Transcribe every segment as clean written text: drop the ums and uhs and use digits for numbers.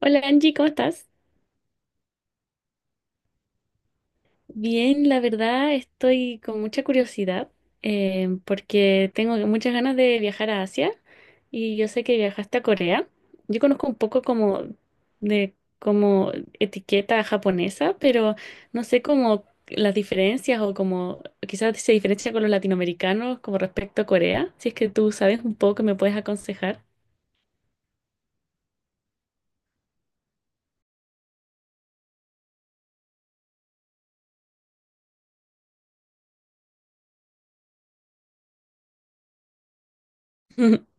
Hola Angie, ¿cómo estás? Bien, la verdad estoy con mucha curiosidad porque tengo muchas ganas de viajar a Asia y yo sé que viajaste a Corea. Yo conozco un poco como etiqueta japonesa, pero no sé cómo las diferencias o como quizás se diferencia con los latinoamericanos como respecto a Corea. Si es que tú sabes un poco, me puedes aconsejar.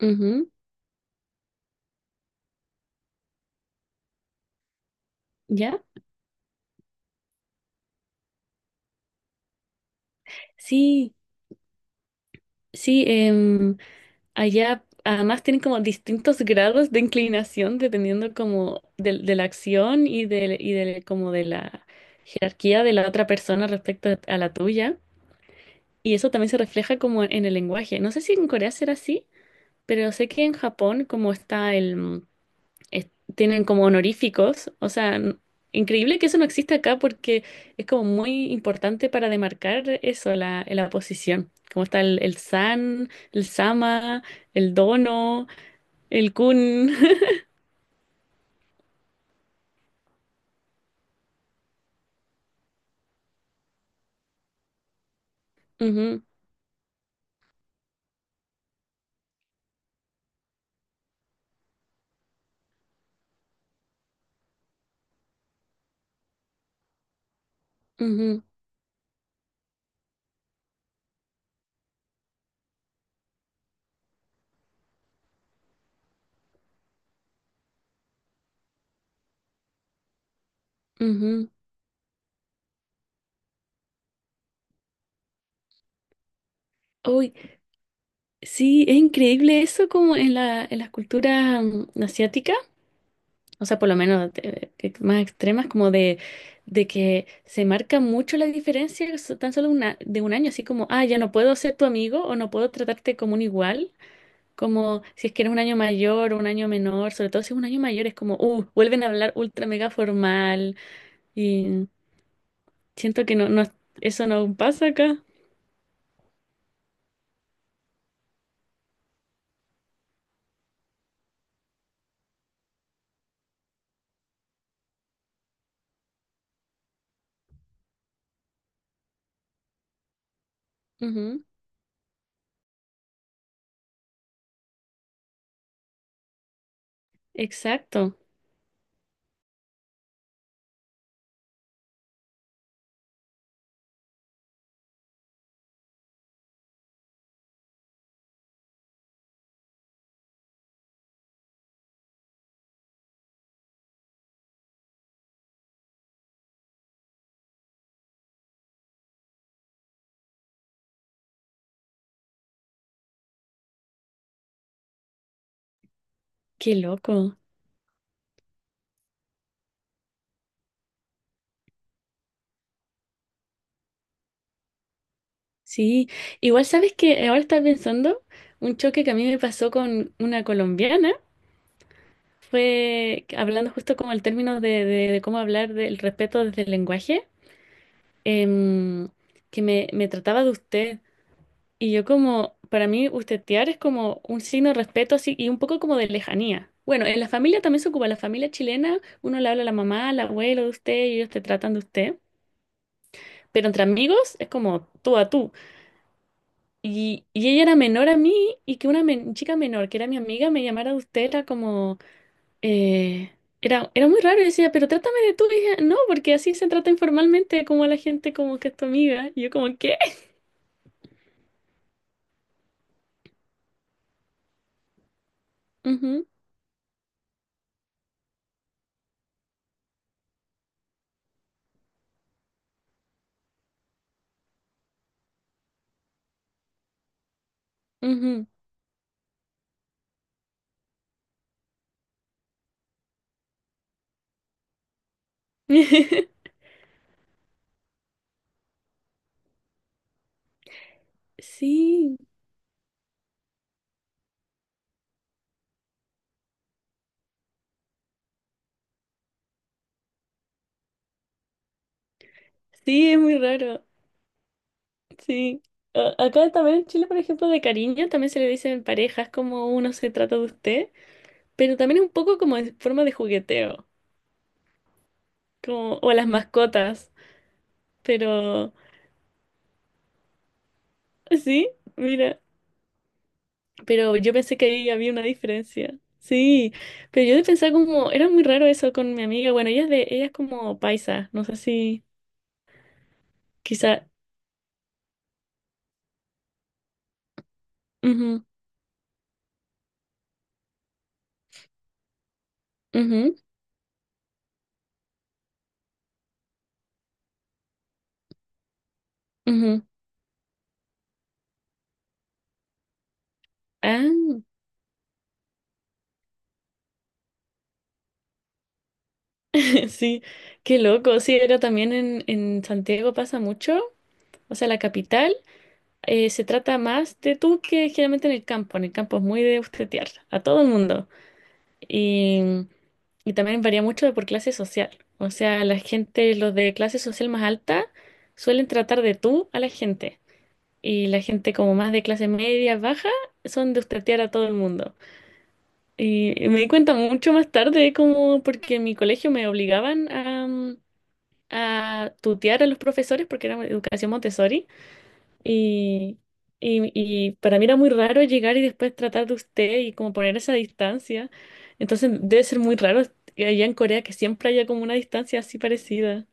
Ujú. ¿Ya? Sí, sí. Allá además tienen como distintos grados de inclinación dependiendo como de la acción y como de la jerarquía de la otra persona respecto a la tuya. Y eso también se refleja como en el lenguaje. No sé si en Corea será así, pero sé que en Japón como está el tienen como honoríficos. O sea, increíble que eso no existe acá porque es como muy importante para demarcar eso, la posición. Como está el san, el sama, el dono. El Kun. Ujú, ujú, ujú. Uy, sí, es increíble eso como en en las culturas asiáticas, o sea, por lo menos que más extremas, de que se marca mucho la diferencia tan solo una, de un año, así como, ah, ya no puedo ser tu amigo o no puedo tratarte como un igual, como si es que eres un año mayor o un año menor, sobre todo si es un año mayor, es como, vuelven a hablar ultra mega formal y siento que no, eso no pasa acá. Exacto, qué loco. Sí, igual sabes que ahora estás pensando, un choque que a mí me pasó con una colombiana fue que hablando justo como el término de cómo hablar del respeto desde el lenguaje, em, que me trataba de usted. Y yo como, para mí, ustedear es como un signo de respeto así y un poco como de lejanía. Bueno, en la familia también se ocupa, la familia chilena, uno le habla a la mamá, al abuelo de usted y ellos te tratan de usted. Pero entre amigos es como tú a tú. Y ella era menor a mí y que una chica menor, que era mi amiga, me llamara usted, era como... eh, era muy raro, yo decía, pero trátame de tú, y ella, no, porque así se trata informalmente como a la gente como que es tu amiga. Y yo como, ¿qué? Ujú, ujú. Sí, sí, es muy raro, sí. Acá también en Chile, por ejemplo, de cariño, también se le dice en parejas como uno se trata de usted, pero también es un poco como en forma de jugueteo, como, o a las mascotas, pero... Sí, mira. Pero yo pensé que ahí había una diferencia. Sí, pero yo pensaba como, era muy raro eso con mi amiga. Bueno, ella es de, ella es como paisa, no sé si quizá. Ujú, ujú, ujú. Ah, sí, qué loco. Sí, era también en Santiago pasa mucho. O sea, la capital se trata más de tú que generalmente en el campo. En el campo es muy de ustedear a todo el mundo. Y, y también varía mucho de por clase social. O sea, la gente, los de clase social más alta, suelen tratar de tú a la gente. Y la gente como más de clase media, baja, son de ustedear a todo el mundo. Y me di cuenta mucho más tarde, como porque en mi colegio me obligaban a a tutear a los profesores porque era educación Montessori. Y, y para mí era muy raro llegar y después tratar de usted y como poner esa distancia. Entonces debe ser muy raro que allá en Corea que siempre haya como una distancia así parecida.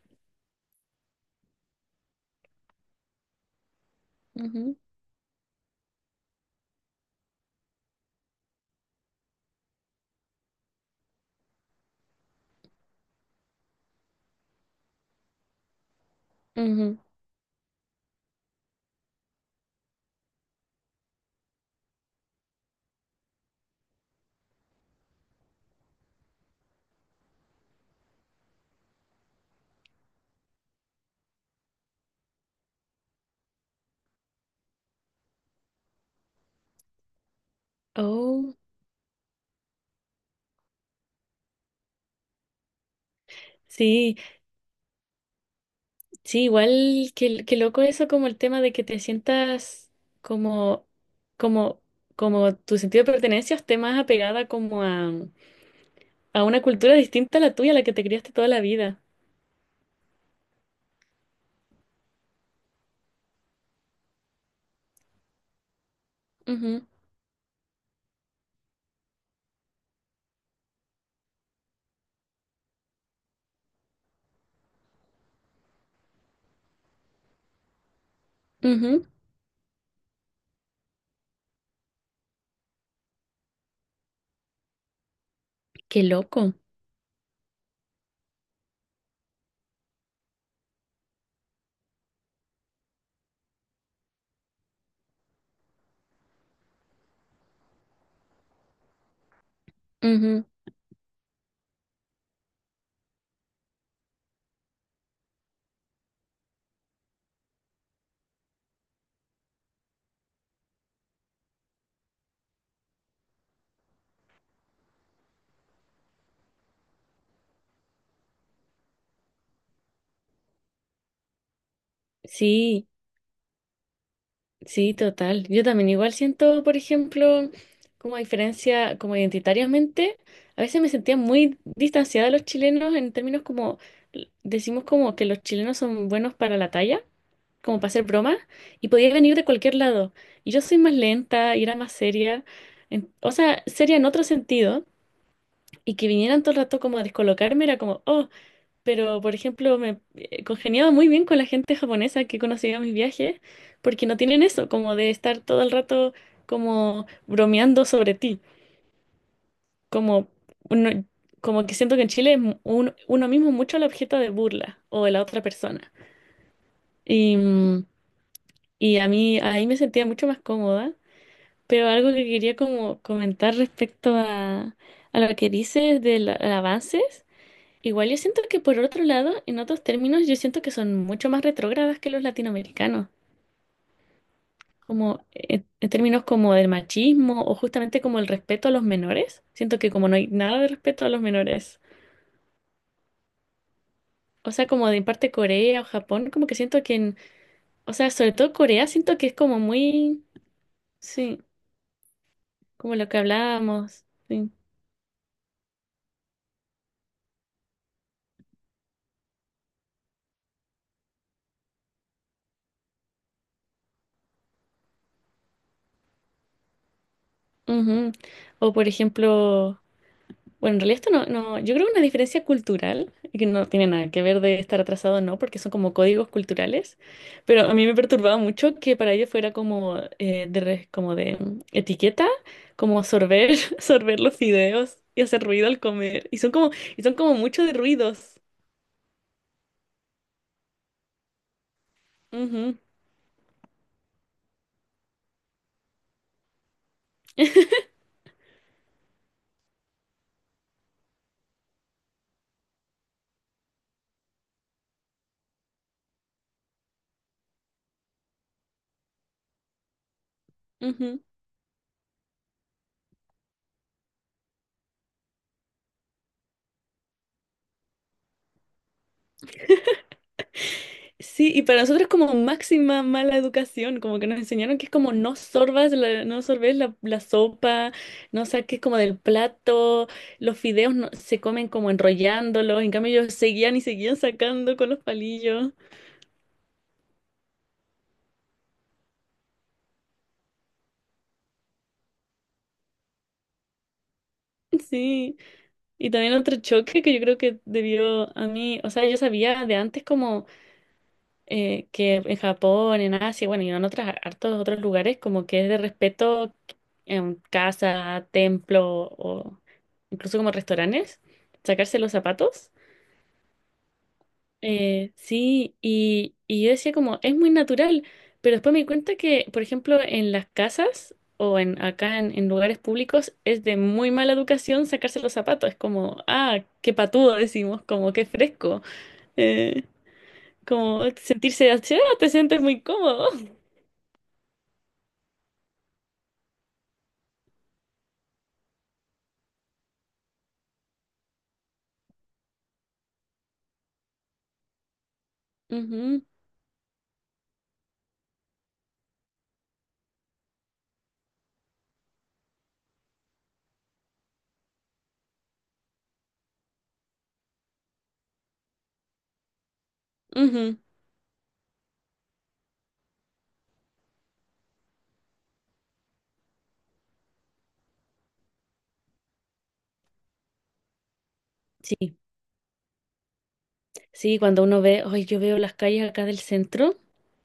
Ujú, ujú. Oh, sí, sí, igual que loco eso como el tema de que te sientas como, como, como tu sentido de pertenencia esté más apegada a una cultura distinta a la tuya, a la que te criaste toda la vida. Ujú, ujú. Qué loco. Ujú. Sí. Sí, total. Yo también igual siento, por ejemplo, como diferencia, como identitariamente, a veces me sentía muy distanciada de los chilenos en términos como, decimos como que los chilenos son buenos para la talla, como para hacer bromas, y podía venir de cualquier lado. Y yo soy más lenta y era más seria, o sea, seria en otro sentido, y que vinieran todo el rato como a descolocarme era como, oh, pero, por ejemplo, me congeniaba muy bien con la gente japonesa que conocía en mis viajes, porque no tienen eso, como de estar todo el rato como bromeando sobre ti, como, uno- como que siento que en Chile es uno mismo mucho el objeto de burla o de la otra persona. Y y a mí ahí me sentía mucho más cómoda, pero algo que quería como comentar respecto a lo que dices de los avances. Igual yo siento que por otro lado, en otros términos, yo siento que son mucho más retrógradas que los latinoamericanos, como en términos como del machismo o justamente como el respeto a los menores. Siento que como no hay nada de respeto a los menores. O sea, como de parte Corea o Japón, como que siento que en, o sea, sobre todo Corea, siento que es como muy, sí, como lo que hablábamos, sí. Ujú. O por ejemplo, bueno, en realidad esto no, yo creo que una diferencia cultural, y que no tiene nada que ver de estar atrasado o no, porque son como códigos culturales, pero a mí me perturbaba mucho que para ellos fuera como como de etiqueta, como sorber, sorber los fideos y hacer ruido al comer, y son como mucho de ruidos. Ujú, ujú. Sí, y para nosotros es como máxima mala educación, como que nos enseñaron que es como no sorbas, no sorbes la sopa, no saques como del plato, los fideos se comen como enrollándolos, en cambio ellos seguían y seguían sacando con los palillos. Sí, y también otro choque que yo creo que debió a mí, o sea, yo sabía de antes como que en Japón, en Asia, bueno, y en otros hartos otros lugares, como que es de respeto en casa, templo o incluso como restaurantes, sacarse los zapatos. Sí, y yo decía como, es muy natural, pero después me di cuenta que, por ejemplo, en las casas o en acá en lugares públicos es de muy mala educación sacarse los zapatos, es como, ah, qué patudo decimos, como qué fresco, eh, como sentirse así, ah, te sientes muy cómodo. Ujú, ujú. Sí, sí, cuando uno ve, hoy yo veo las calles acá del centro,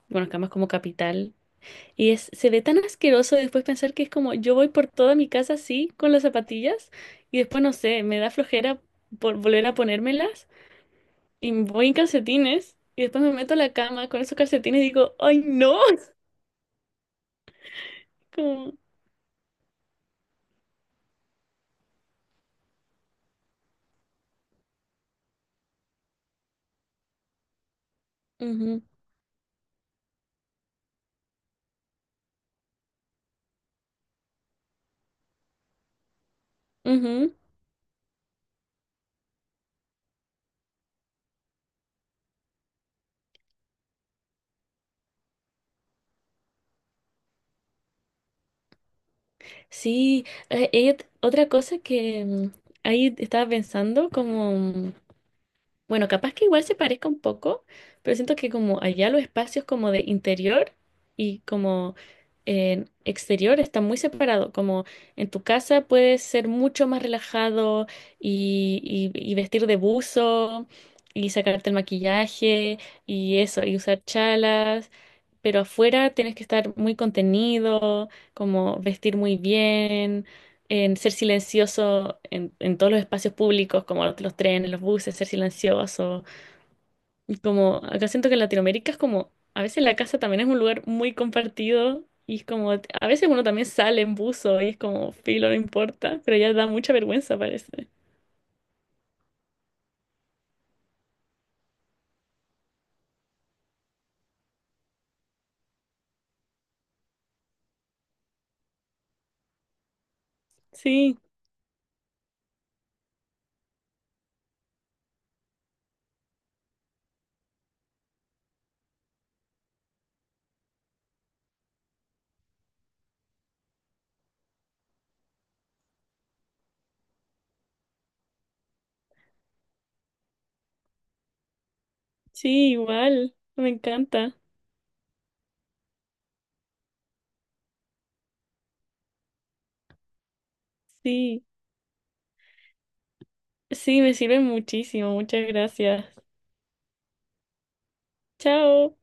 bueno, acá más como capital, y es, se ve tan asqueroso después pensar que es como yo voy por toda mi casa así, con las zapatillas, y después no sé, me da flojera por volver a ponérmelas, y voy en calcetines, y después me meto a la cama con esos calcetines y digo, ¡ay no! Como, ujú, ujú. Sí, y otra cosa que ahí estaba pensando, bueno, capaz que igual se parezca un poco, pero siento que como allá los espacios como de interior y como en exterior están muy separados. Como en tu casa puedes ser mucho más relajado y vestir de buzo y sacarte el maquillaje y eso, y usar chalas, pero afuera tienes que estar muy contenido, como vestir muy bien en ser silencioso en todos los espacios públicos, como los trenes, los buses, ser silencioso. Y como acá siento que en Latinoamérica es como, a veces la casa también es un lugar muy compartido y es como, a veces uno también sale en buzo y es como, filo, no importa, pero ya da mucha vergüenza, parece. Sí, sí, igual, me encanta. Sí, sí, me sirve muchísimo, muchas gracias. Chao.